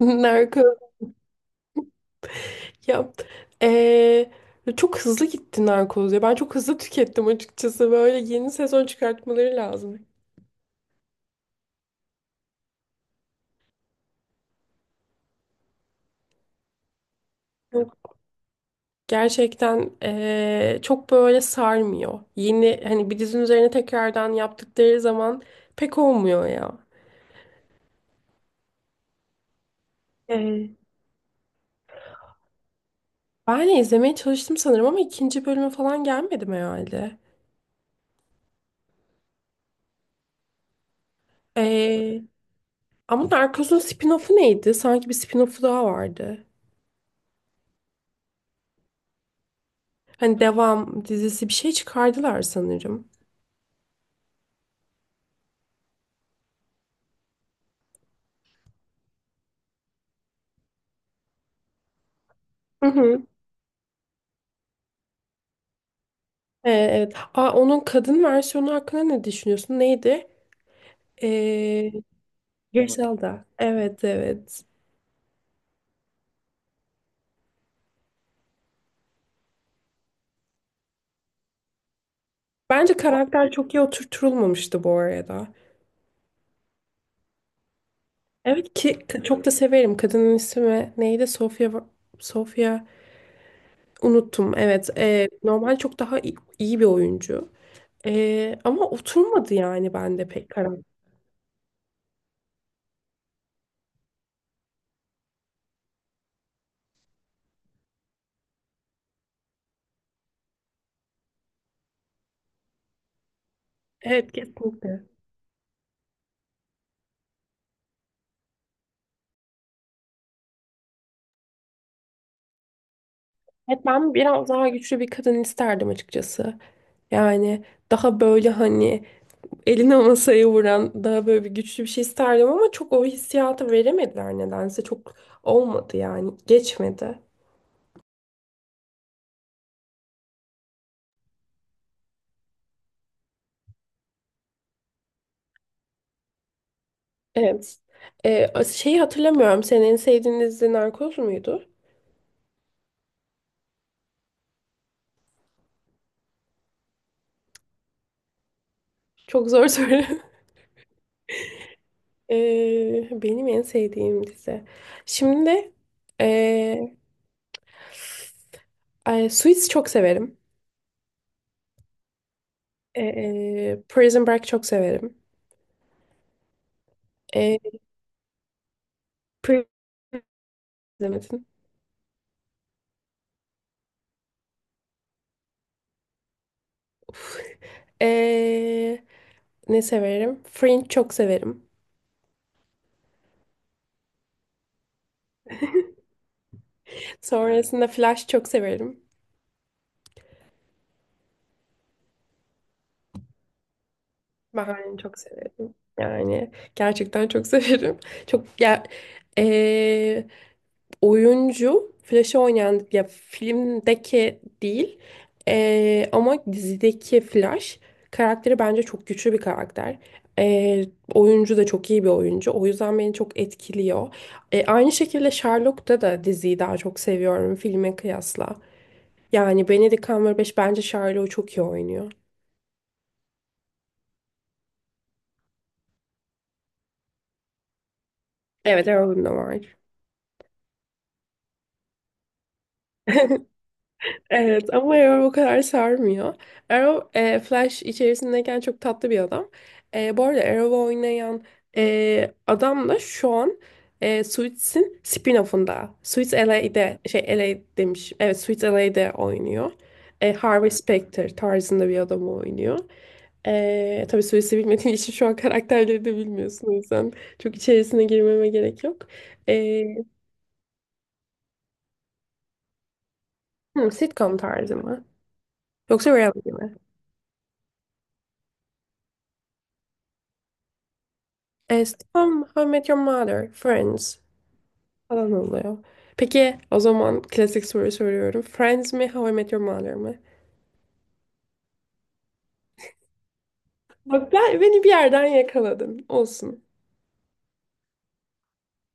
Narkoz ya eee, çok hızlı gitti narkoz ya ben çok hızlı tükettim açıkçası böyle yeni sezon çıkartmaları lazım. Yok, gerçekten çok böyle sarmıyor. Yeni hani bir dizinin üzerine tekrardan yaptıkları zaman pek olmuyor ya. Eee, Ben de izlemeye çalıştım sanırım ama ikinci bölüme falan gelmedim herhalde. Eee, Ama Narcos'un spin-off'u neydi? Sanki bir spin-off'u daha vardı. Hani devam dizisi bir şey çıkardılar sanırım. Hı hı. Evet. Aa, onun kadın versiyonu hakkında ne düşünüyorsun? Neydi? Ee, Griselda. Evet, evet. Bence karakter çok iyi oturtulmamıştı bu arada. Evet ki çok da severim. Kadının ismi neydi? Sofia Sofia unuttum. Evet. Normal çok daha iyi, iyi bir oyuncu. Ama oturmadı yani bende pek karakter. Evet, kesinlikle. Evet, ben biraz daha güçlü bir kadın isterdim açıkçası. Yani daha böyle hani eline masaya vuran daha böyle bir güçlü bir şey isterdim ama çok o hissiyatı veremediler nedense. Çok olmadı yani. Geçmedi. Evet. Şeyi hatırlamıyorum. Senin en sevdiğin dizi Narkoz muydu? Çok zor soru. Benim en sevdiğim dizi. Şimdi ee, ay, Suits çok severim. Prison Break çok severim. Ee, Prison izlemedin. Ee, Ne severim? Fringe çok severim. Sonrasında Flash çok severim. Bahane'yi çok severim. Yani gerçekten çok severim. Çok ya eee, oyuncu Flash'ı oynayan ya filmdeki değil, ama dizideki Flash karakteri bence çok güçlü bir karakter. Eee, Oyuncu da çok iyi bir oyuncu. O yüzden beni çok etkiliyor. Aynı şekilde Sherlock'ta da diziyi daha çok seviyorum filme kıyasla. Yani Benedict Cumberbatch bence Sherlock'u çok iyi oynuyor. Evet, Arrow'un da var. Evet, ama Arrow o kadar sarmıyor. Arrow, Flash içerisindeyken çok tatlı bir adam. Bu arada Arrow'u oynayan adam da şu an Suits'in spin-off'unda. Suits LA'de şey LA demiş. Evet, Suits LA'de oynuyor. Harvey Specter tarzında bir adamı oynuyor. Tabii Suits'i bilmediğin için şu an karakterleri de bilmiyorsun. O yüzden çok içerisine girmeme gerek yok. E, Sitcom tarzı mı? Yoksa reality mi? As Tom, How I Met Your Mother, Friends falan oluyor. Peki o zaman klasik soru soruyorum. Friends mi, How I Met Your Mother mı? Bak, beni bir yerden yakaladın. Olsun.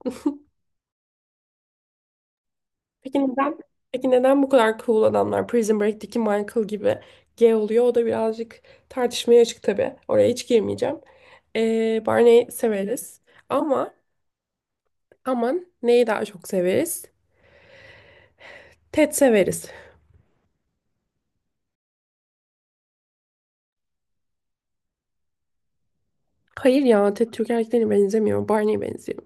Peki neden? Peki neden bu kadar cool adamlar Prison Break'teki Michael gibi gay oluyor? O da birazcık tartışmaya açık tabii. Oraya hiç girmeyeceğim. Barney severiz. Ama aman neyi daha çok severiz? Ted severiz. Hayır ya, Ted Türk erkeklerine benzemiyor. Barney'e benziyor.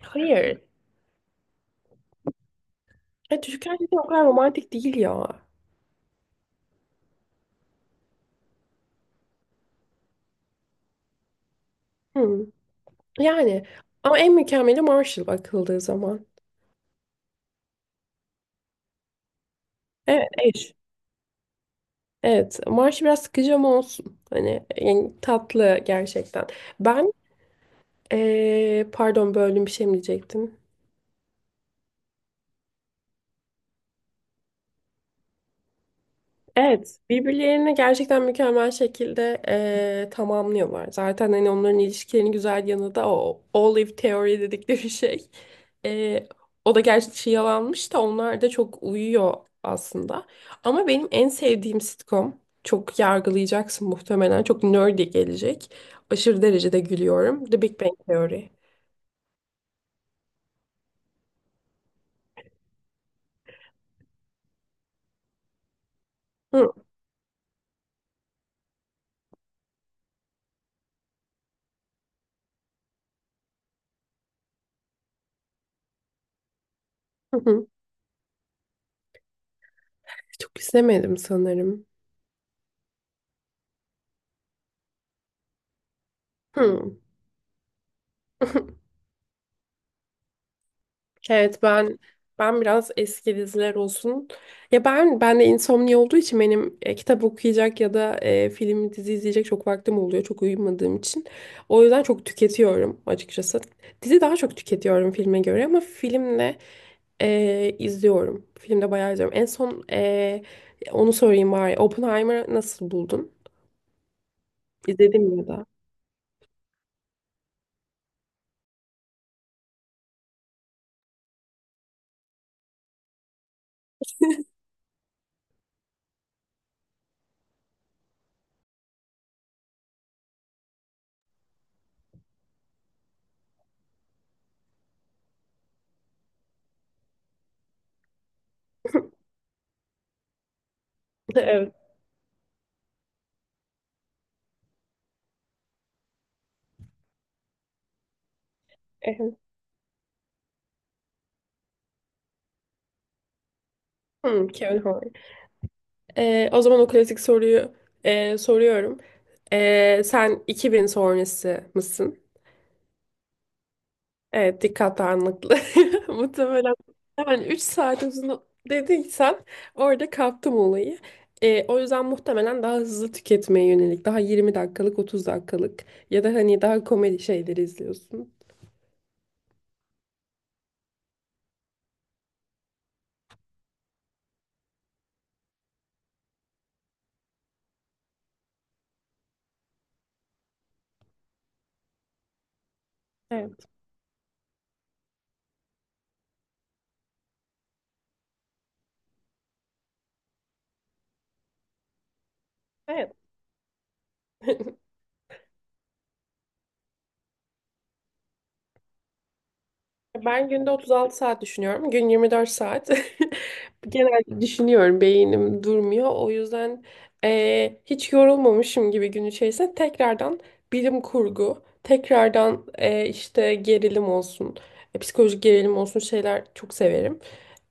Hayır. Düşük erkek de o kadar romantik değil ya. Hı. Yani ama en mükemmeli Marshall bakıldığı zaman. Evet, eş. Evet, Marshall biraz sıkıcı ama olsun. Hani yani tatlı gerçekten. Ben, pardon böldüm, bir şey mi diyecektim? Evet, birbirlerini gerçekten mükemmel şekilde tamamlıyorlar. Zaten hani onların ilişkilerinin güzel yanı da o Olive Theory dedikleri şey. Eee, O da gerçi şey yalanmış da onlar da çok uyuyor aslında. Ama benim en sevdiğim sitcom, çok yargılayacaksın muhtemelen, çok nerdy gelecek. Aşırı derecede gülüyorum. The Big Bang Theory. Hı, hı, hı. Çok izlemedim sanırım. Hı. Evet, ben biraz eski diziler olsun. Ya, ben de insomnia olduğu için benim kitap okuyacak ya da film dizi izleyecek çok vaktim oluyor çok uyumadığım için. O yüzden çok tüketiyorum açıkçası. Dizi daha çok tüketiyorum filme göre ama filmle izliyorum. Filmde bayağı izliyorum. En son, onu sorayım bari. Oppenheimer'ı nasıl buldun? İzledin mi ya da? Evet. Ehem. Hmm, Kevin Hart. O zaman o klasik soruyu soruyorum. Sen 2000 sonrası mısın? Evet, dikkat dağınıklığı. Muhtemelen yani 3 saat uzun dediysen orada kaptım olayı. O yüzden muhtemelen daha hızlı tüketmeye yönelik, daha 20 dakikalık, 30 dakikalık ya da hani daha komedi şeyleri izliyorsun. Evet. Evet. Ben günde 36 saat düşünüyorum. Gün 24 saat. Genelde düşünüyorum. Beynim durmuyor. O yüzden hiç yorulmamışım gibi gün içerisinde tekrardan bilim kurgu, tekrardan işte gerilim olsun, psikolojik gerilim olsun şeyler çok severim.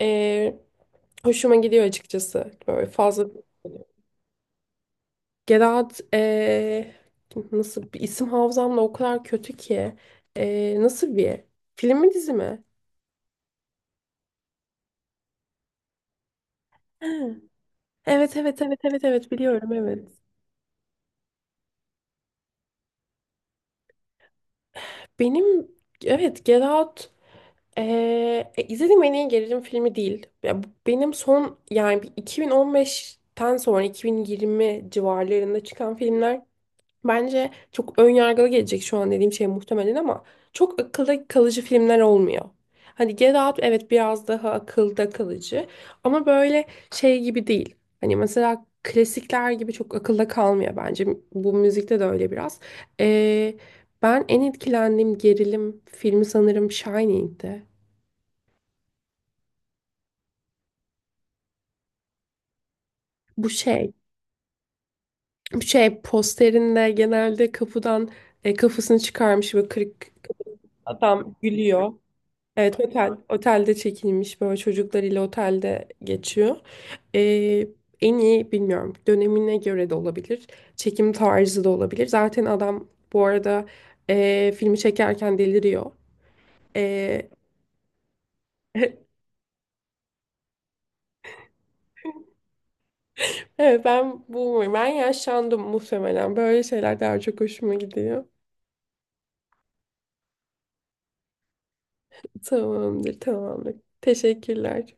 Eee, Hoşuma gidiyor açıkçası. Böyle fazla Gedat, nasıl bir isim, hafızamla o kadar kötü ki. Nasıl bir, film mi dizi mi? Evet, evet, evet, evet, evet, biliyorum, evet. Benim, evet, Get Out, izlediğim en iyi gerilim filmi değil. Ya, benim son yani bir 2015'ten sonra 2020 civarlarında çıkan filmler. Bence çok ön yargılı gelecek şu an dediğim şey muhtemelen ama çok akılda kalıcı filmler olmuyor. Hani Get Out evet biraz daha akılda kalıcı ama böyle şey gibi değil. Hani mesela klasikler gibi çok akılda kalmıyor bence. Bu müzikte de öyle biraz. Ee, Ben en etkilendiğim gerilim filmi sanırım Shining'di. Bu şey, bu şey posterinde genelde kapıdan kafasını çıkarmış ve kırık adam gülüyor. Evet, otelde çekilmiş, böyle çocuklarıyla otelde geçiyor. Ee, En iyi bilmiyorum, dönemine göre de olabilir. Çekim tarzı da olabilir. Zaten adam bu arada filmi çekerken deliriyor. Ee, evet, ben bu ben yaşlandım muhtemelen. Böyle şeyler daha çok hoşuma gidiyor. Tamamdır, tamamdır. Teşekkürler.